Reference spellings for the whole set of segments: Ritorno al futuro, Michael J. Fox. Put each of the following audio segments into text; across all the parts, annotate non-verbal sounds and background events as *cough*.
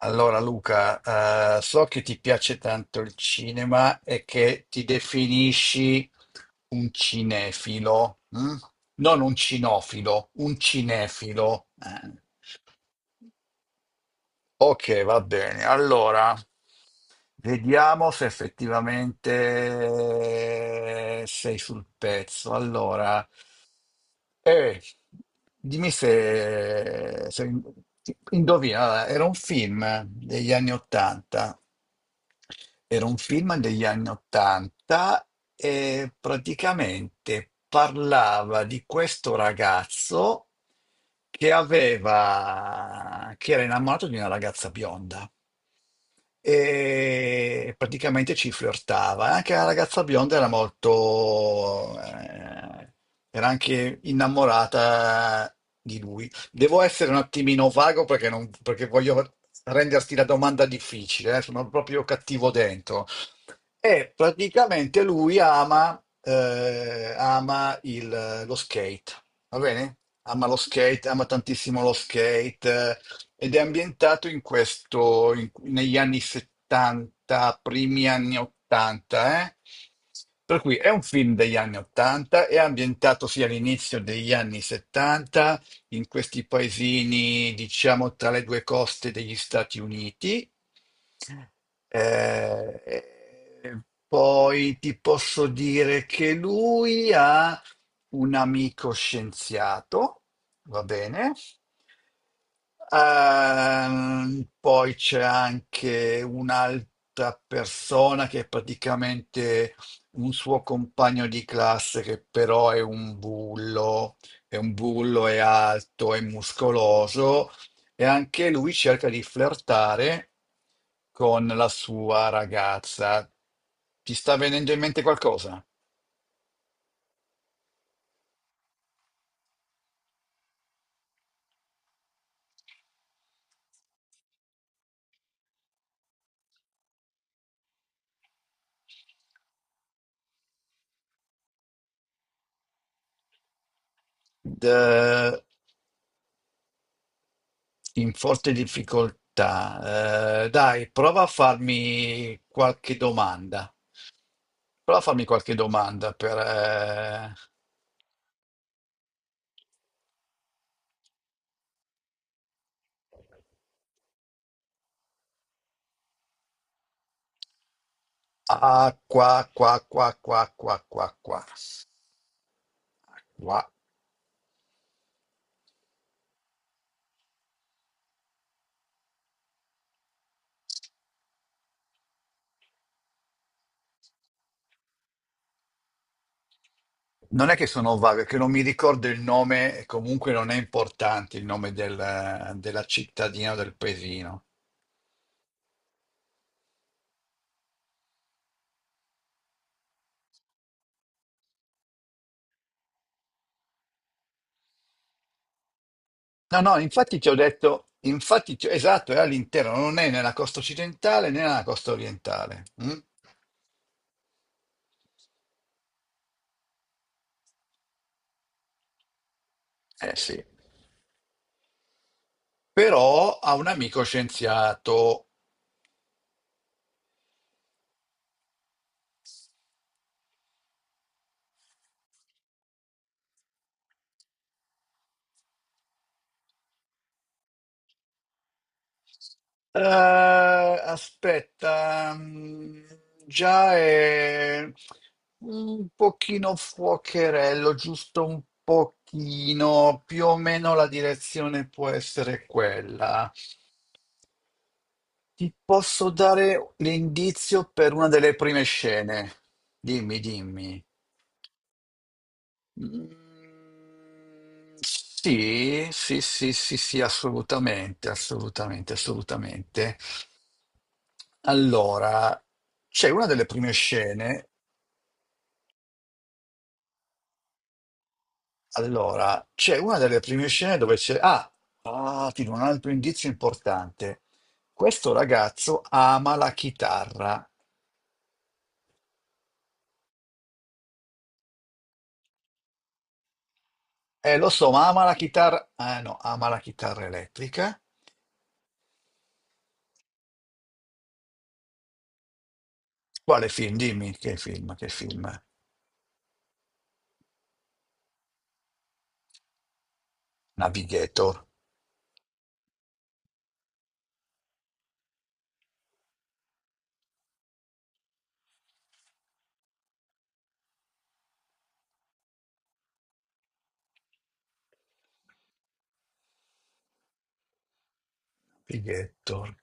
Allora Luca, so che ti piace tanto il cinema e che ti definisci un cinefilo, mm? Non un cinofilo, un cinefilo. Ok, va bene. Allora, vediamo se effettivamente sei sul pezzo. Allora, Eh, dimmi se indovina, allora, era un film degli anni Ottanta, era un film degli anni Ottanta e praticamente parlava di questo ragazzo che era innamorato di una ragazza bionda e praticamente ci flirtava. E anche la ragazza bionda era molto, era anche innamorata di lui. Devo essere un attimino vago perché, non, perché voglio renderti la domanda difficile, sono proprio cattivo dentro. E praticamente ama lo skate, va bene? Ama lo skate, ama tantissimo lo skate, ed è ambientato in negli anni 70, primi anni 80, eh? Per cui è un film degli anni 80, è ambientato sia all'inizio degli anni 70, in questi paesini, diciamo, tra le due coste degli Stati Uniti. Eh, Poi ti posso dire che lui ha un amico scienziato, va bene? Poi c'è anche un'altra persona che è praticamente un suo compagno di classe che però è un bullo. È un bullo, è alto, è muscoloso e anche lui cerca di flirtare con la sua ragazza. Ti sta venendo in mente qualcosa? D- In forte difficoltà. Dai, prova a farmi qualche domanda. Prova a farmi qualche domanda per... ah, qua, qua, qua, qua, qua, qua, qua. Qua. Non è che sono vago, è che non mi ricordo il nome, e comunque non è importante il nome della cittadina o del paesino. No, no, infatti ti ho detto, infatti, esatto, è all'interno, non è nella costa occidentale né nella costa orientale. Mm? Eh sì, però ha un amico scienziato. Aspetta, mm, già è un pochino fuocherello, giusto un pochino, più o meno la direzione può essere quella. Ti posso dare l'indizio per una delle prime scene? Dimmi, dimmi. Mm, sì, sì, sì, sì, sì, assolutamente, assolutamente, assolutamente. Allora, c'è una delle prime scene, allora, c'è una delle prime scene dove c'è... Ah, ah, ti do un altro indizio importante. Questo ragazzo ama la chitarra. Lo so, ma ama la chitarra... Ah, no, ama la chitarra elettrica. Quale film? Dimmi, che film, che film? Navigator. Navigator.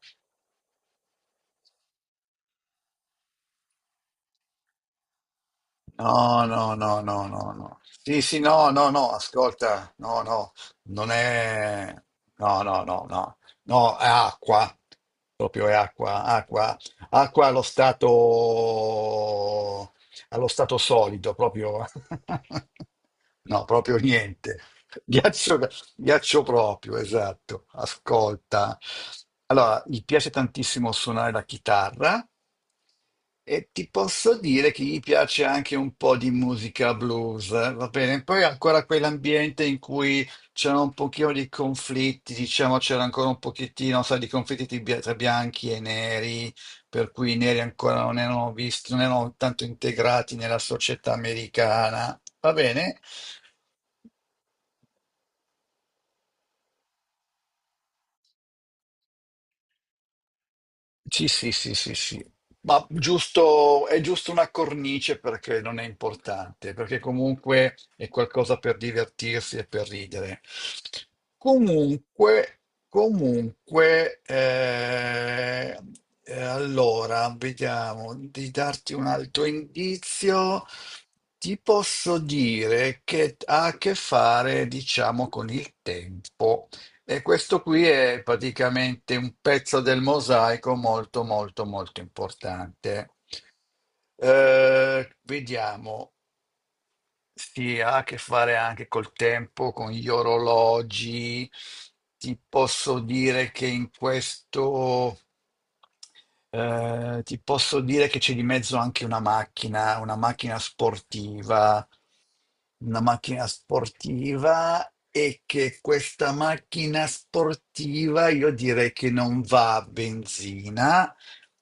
No, no, no, no, no, no. Sì, sì, no, no, no, ascolta, no, no, non è... No, no, no, no, no, è acqua, proprio è acqua, acqua, acqua allo stato solido, proprio... *laughs* No, proprio niente. Ghiaccio. Ghiaccio proprio, esatto. Ascolta. Allora, gli piace tantissimo suonare la chitarra e ti posso dire che gli piace anche un po' di musica blues, va bene? Poi ancora quell'ambiente in cui c'erano un pochino di conflitti, diciamo c'era ancora un pochettino, sai, di conflitti tra bianchi e neri, per cui i neri ancora non erano visti, non erano tanto integrati nella società americana, va bene? Sì, sì, sì, sì, sì. Ma giusto, è giusto una cornice perché non è importante, perché comunque è qualcosa per divertirsi e per ridere. Comunque, comunque, eh, allora, vediamo di darti un altro indizio. Ti posso dire che ha a che fare, diciamo, con il tempo. E questo qui è praticamente un pezzo del mosaico molto molto molto importante. Vediamo, si ha a che fare anche col tempo, con gli orologi. Ti posso dire che in questo. Ti posso dire che c'è di mezzo anche una macchina sportiva e che questa macchina sportiva io direi che non va a benzina,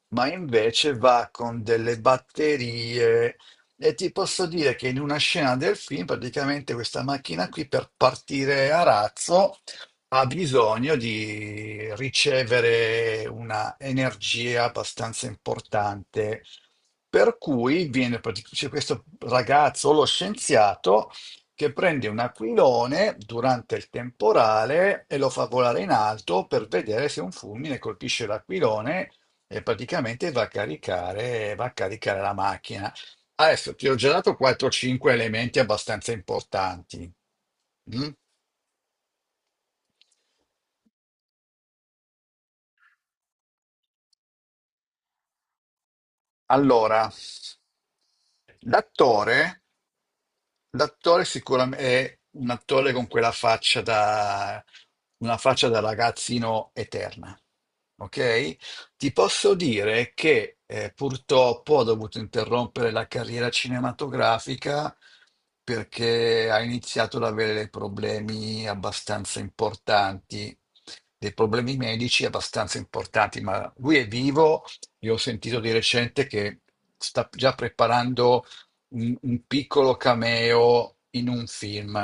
ma invece va con delle batterie. E ti posso dire che in una scena del film, praticamente questa macchina qui per partire a razzo ha bisogno di ricevere una energia abbastanza importante. Per cui c'è questo ragazzo, lo scienziato, che prende un aquilone durante il temporale e lo fa volare in alto per vedere se un fulmine colpisce l'aquilone e praticamente va a caricare la macchina. Adesso ti ho già dato 4-5 elementi abbastanza importanti. Mm? Allora, l'attore l'attore sicuramente è un attore con quella faccia da, una faccia da ragazzino eterna, ok? Ti posso dire che purtroppo ho dovuto interrompere la carriera cinematografica perché ha iniziato ad avere dei problemi abbastanza importanti, dei problemi medici abbastanza importanti, ma lui è vivo e ho sentito di recente che sta già preparando un piccolo cameo in un film.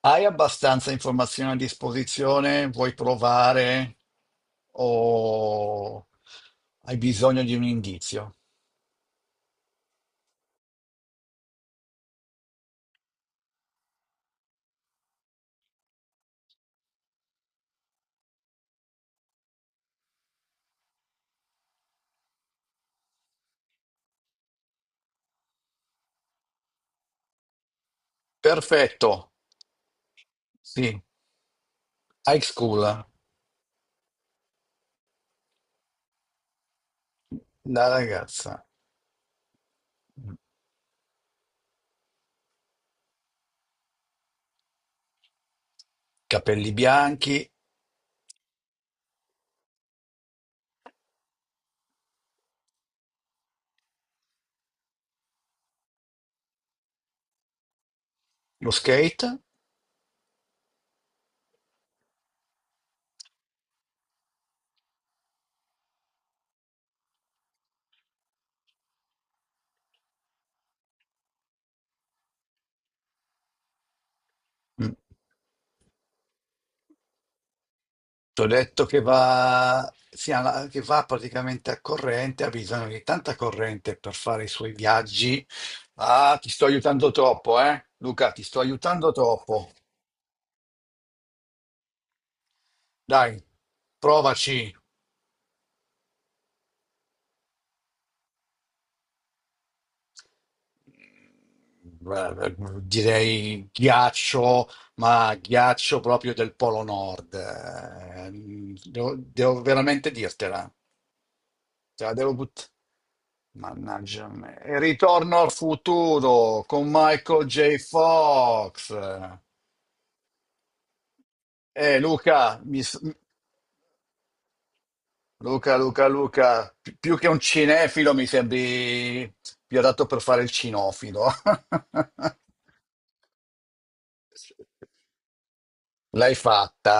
Hai abbastanza informazioni a disposizione? Vuoi provare o hai bisogno di un indizio? Perfetto, sì, high school, la ragazza, capelli bianchi, lo skate. Mm. T'ho detto che va, sì, che va praticamente a corrente, ha bisogno di tanta corrente per fare i suoi viaggi. Ah, ti sto aiutando troppo, eh? Luca, ti sto aiutando troppo. Dai, provaci. Beh, direi ghiaccio, ma ghiaccio proprio del Polo Nord. Devo, devo veramente dirtela. Te la devo buttare. Mannaggia me. E Ritorno al futuro con Michael J. Fox. Eh, Luca, mi s- Luca, Luca, Luca, più che un cinefilo mi sembri più adatto per fare il cinofilo. *laughs* L'hai fatta.